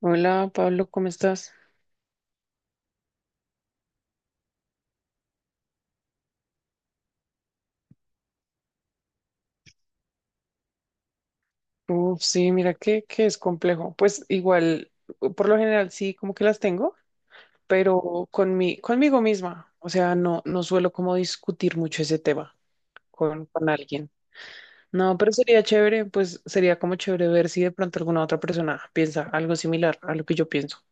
Hola Pablo, ¿cómo estás? Uf, sí, mira que es complejo. Pues igual, por lo general sí, como que las tengo, pero conmigo misma. O sea, no suelo como discutir mucho ese tema con alguien. No, pero sería chévere, pues sería como chévere ver si de pronto alguna otra persona piensa algo similar a lo que yo pienso.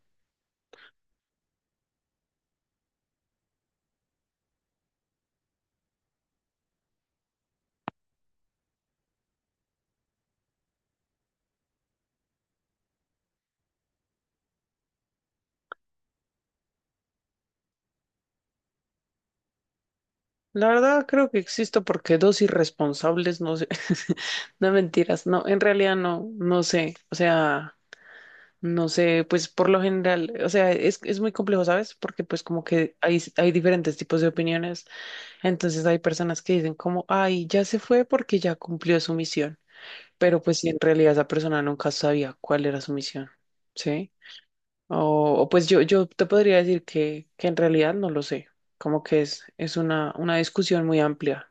La verdad creo que existo porque dos irresponsables, no sé, no mentiras, no, en realidad no sé, o sea... No sé, pues por lo general, o sea, es muy complejo, ¿sabes? Porque pues como que hay diferentes tipos de opiniones, entonces hay personas que dicen como, ay, ya se fue porque ya cumplió su misión, pero pues si en realidad esa persona nunca sabía cuál era su misión, ¿sí? Pues yo te podría decir que en realidad no lo sé, como que es una discusión muy amplia.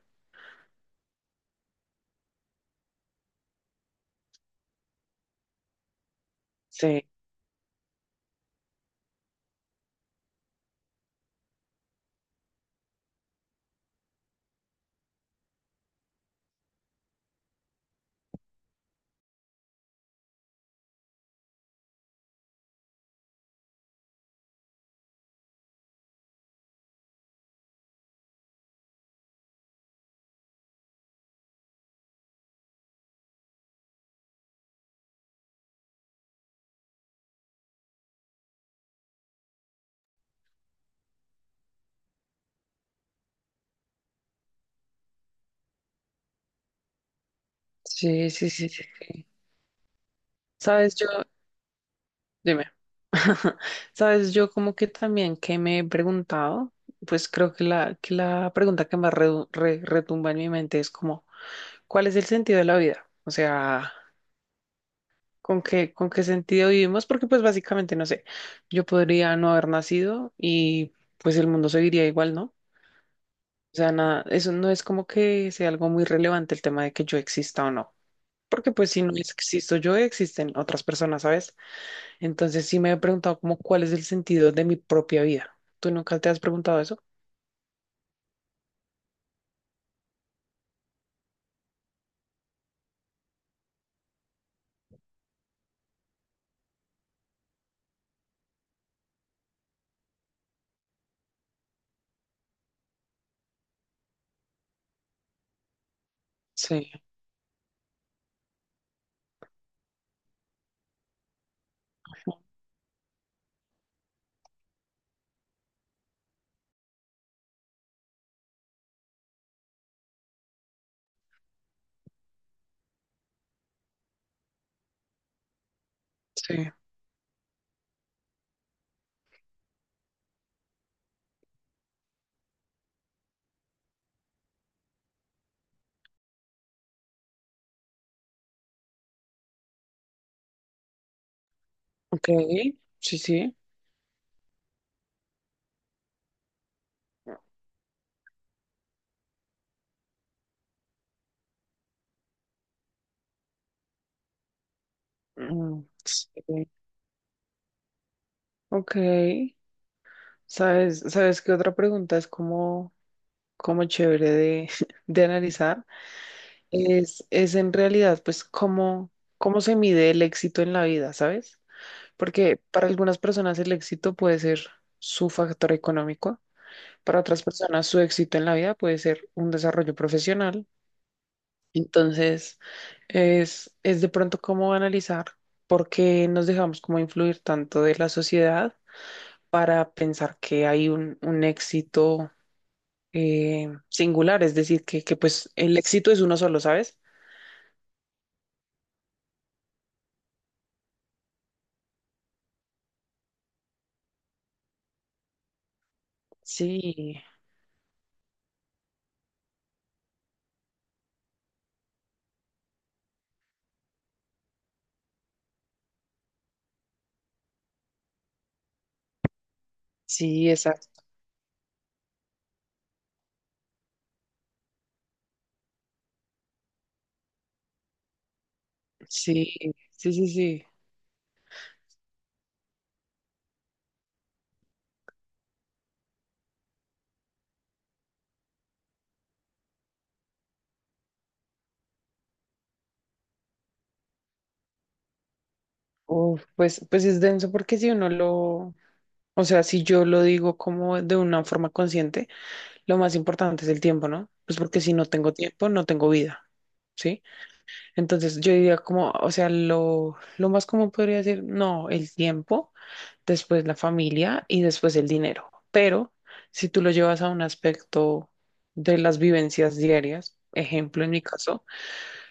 Sí, sí, sí, sí, sí, sí. Sabes, yo, dime. Sabes, yo como que también que me he preguntado, pues creo que que la pregunta que más retumba en mi mente es como, ¿cuál es el sentido de la vida? O sea, con qué sentido vivimos? Porque pues básicamente, no sé, yo podría no haber nacido y pues el mundo seguiría igual, ¿no? O sea, nada, eso no es como que sea algo muy relevante el tema de que yo exista o no. Porque pues si no existo yo, existen otras personas, ¿sabes? Entonces sí me he preguntado como cuál es el sentido de mi propia vida. ¿Tú nunca te has preguntado eso? Sí, sí. Ok, sí, sí. Mm, sí. Ok. Sabes qué otra pregunta es como, como chévere de, de analizar? Es en realidad, pues, cómo, cómo se mide el éxito en la vida, ¿sabes? Porque para algunas personas el éxito puede ser su factor económico, para otras personas su éxito en la vida puede ser un desarrollo profesional. Entonces, es de pronto cómo analizar por qué nos dejamos como influir tanto de la sociedad para pensar que hay un éxito singular, es decir, que pues el éxito es uno solo, ¿sabes? Sí, sí, exacto. Sí, sí, sí, sí. Uf, pues, pues es denso porque si uno lo, o sea, si yo lo digo como de una forma consciente, lo más importante es el tiempo, ¿no? Pues porque si no tengo tiempo, no tengo vida. ¿Sí? Entonces yo diría como, o sea, lo más común podría decir, no, el tiempo, después la familia y después el dinero. Pero si tú lo llevas a un aspecto de las vivencias diarias, ejemplo en mi caso,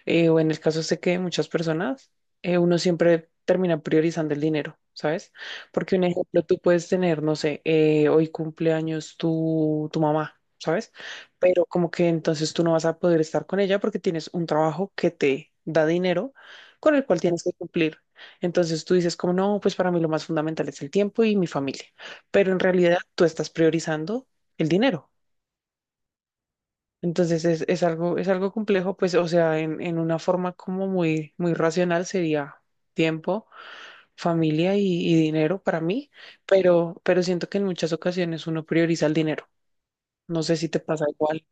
o en el caso sé que de muchas personas, uno siempre termina priorizando el dinero, ¿sabes? Porque un ejemplo, tú puedes tener, no sé, hoy cumpleaños tu mamá, ¿sabes? Pero como que entonces tú no vas a poder estar con ella porque tienes un trabajo que te da dinero con el cual tienes que cumplir. Entonces tú dices como, no, pues para mí lo más fundamental es el tiempo y mi familia, pero en realidad tú estás priorizando el dinero. Entonces es algo complejo, pues, o sea, en una forma como muy, muy racional sería tiempo, familia y dinero para mí, pero siento que en muchas ocasiones uno prioriza el dinero. No sé si te pasa igual.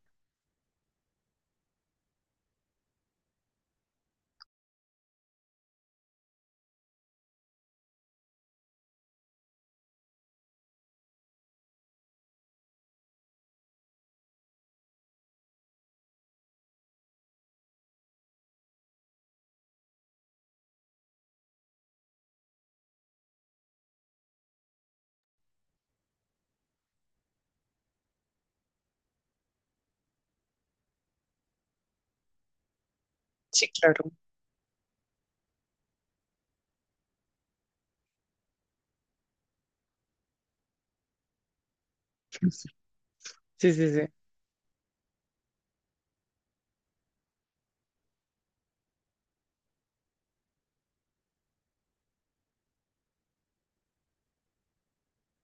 Sí, claro. Sí, sí, sí.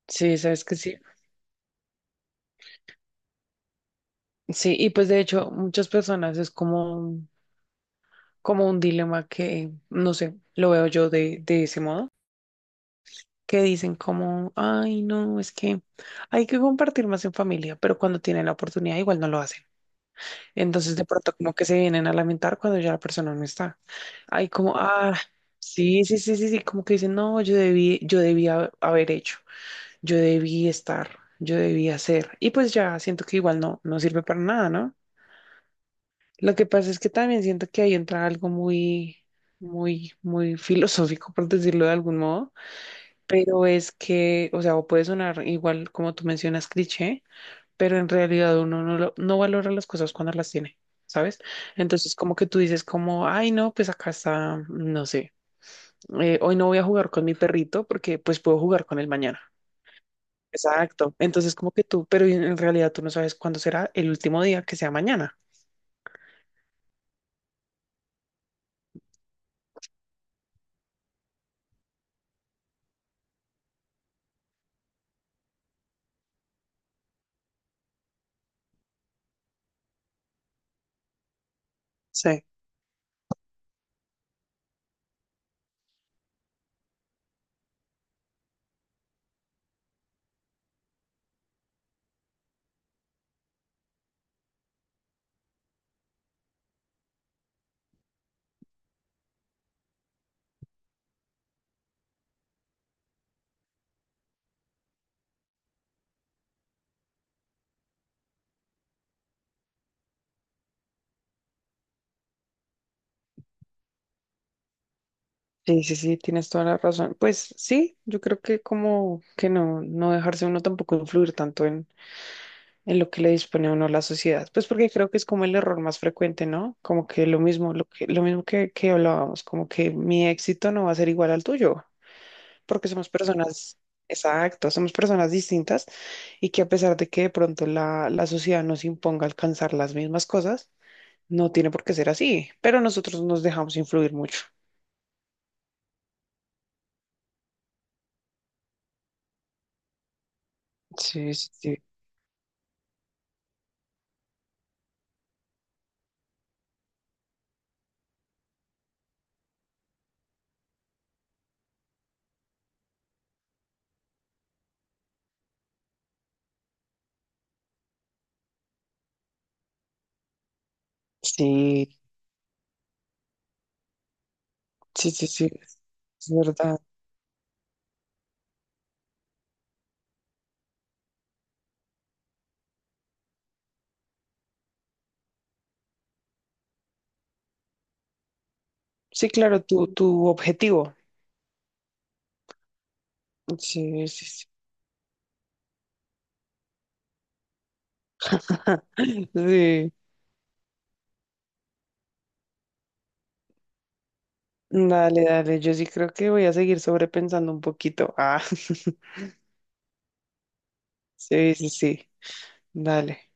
Sí, sabes que sí. Sí, y pues de hecho muchas personas es como, como un dilema que, no sé, lo veo yo de ese modo. Que dicen como, ay, no, es que hay que compartir más en familia, pero cuando tienen la oportunidad igual no lo hacen. Entonces de pronto como que se vienen a lamentar cuando ya la persona no está. Hay como, ah, sí, sí, sí, sí, sí, como que dicen, no, yo debí, yo debía haber hecho, yo debí estar, yo debí hacer. Y pues ya siento que igual no, no sirve para nada, ¿no? Lo que pasa es que también siento que ahí entra algo muy, muy, muy filosófico, por decirlo de algún modo, pero es que, o sea, o puede sonar igual como tú mencionas, cliché, pero en realidad uno no, no valora las cosas cuando las tiene, ¿sabes? Entonces, como que tú dices como, ay, no, pues acá está, no sé, hoy no voy a jugar con mi perrito porque pues puedo jugar con él mañana. Exacto. Entonces, como que tú, pero en realidad tú no sabes cuándo será el último día que sea mañana. Sí, sí, sí, sí, tienes toda la razón. Pues sí, yo creo que como que no dejarse uno tampoco influir tanto en lo que le dispone a uno la sociedad. Pues porque creo que es como el error más frecuente, ¿no? Como que lo mismo, lo mismo que hablábamos, como que mi éxito no va a ser igual al tuyo, porque somos personas, exacto, somos personas distintas y que a pesar de que de pronto la sociedad nos imponga alcanzar las mismas cosas, no tiene por qué ser así, pero nosotros nos dejamos influir mucho. Sí, sí, sí, sí, sí, sí, sí, es verdad. Sí, claro, tu objetivo. Sí, sí, sí. Sí. Dale, dale, yo sí creo que voy a seguir sobrepensando un poquito. Ah, sí, sí, sí, dale.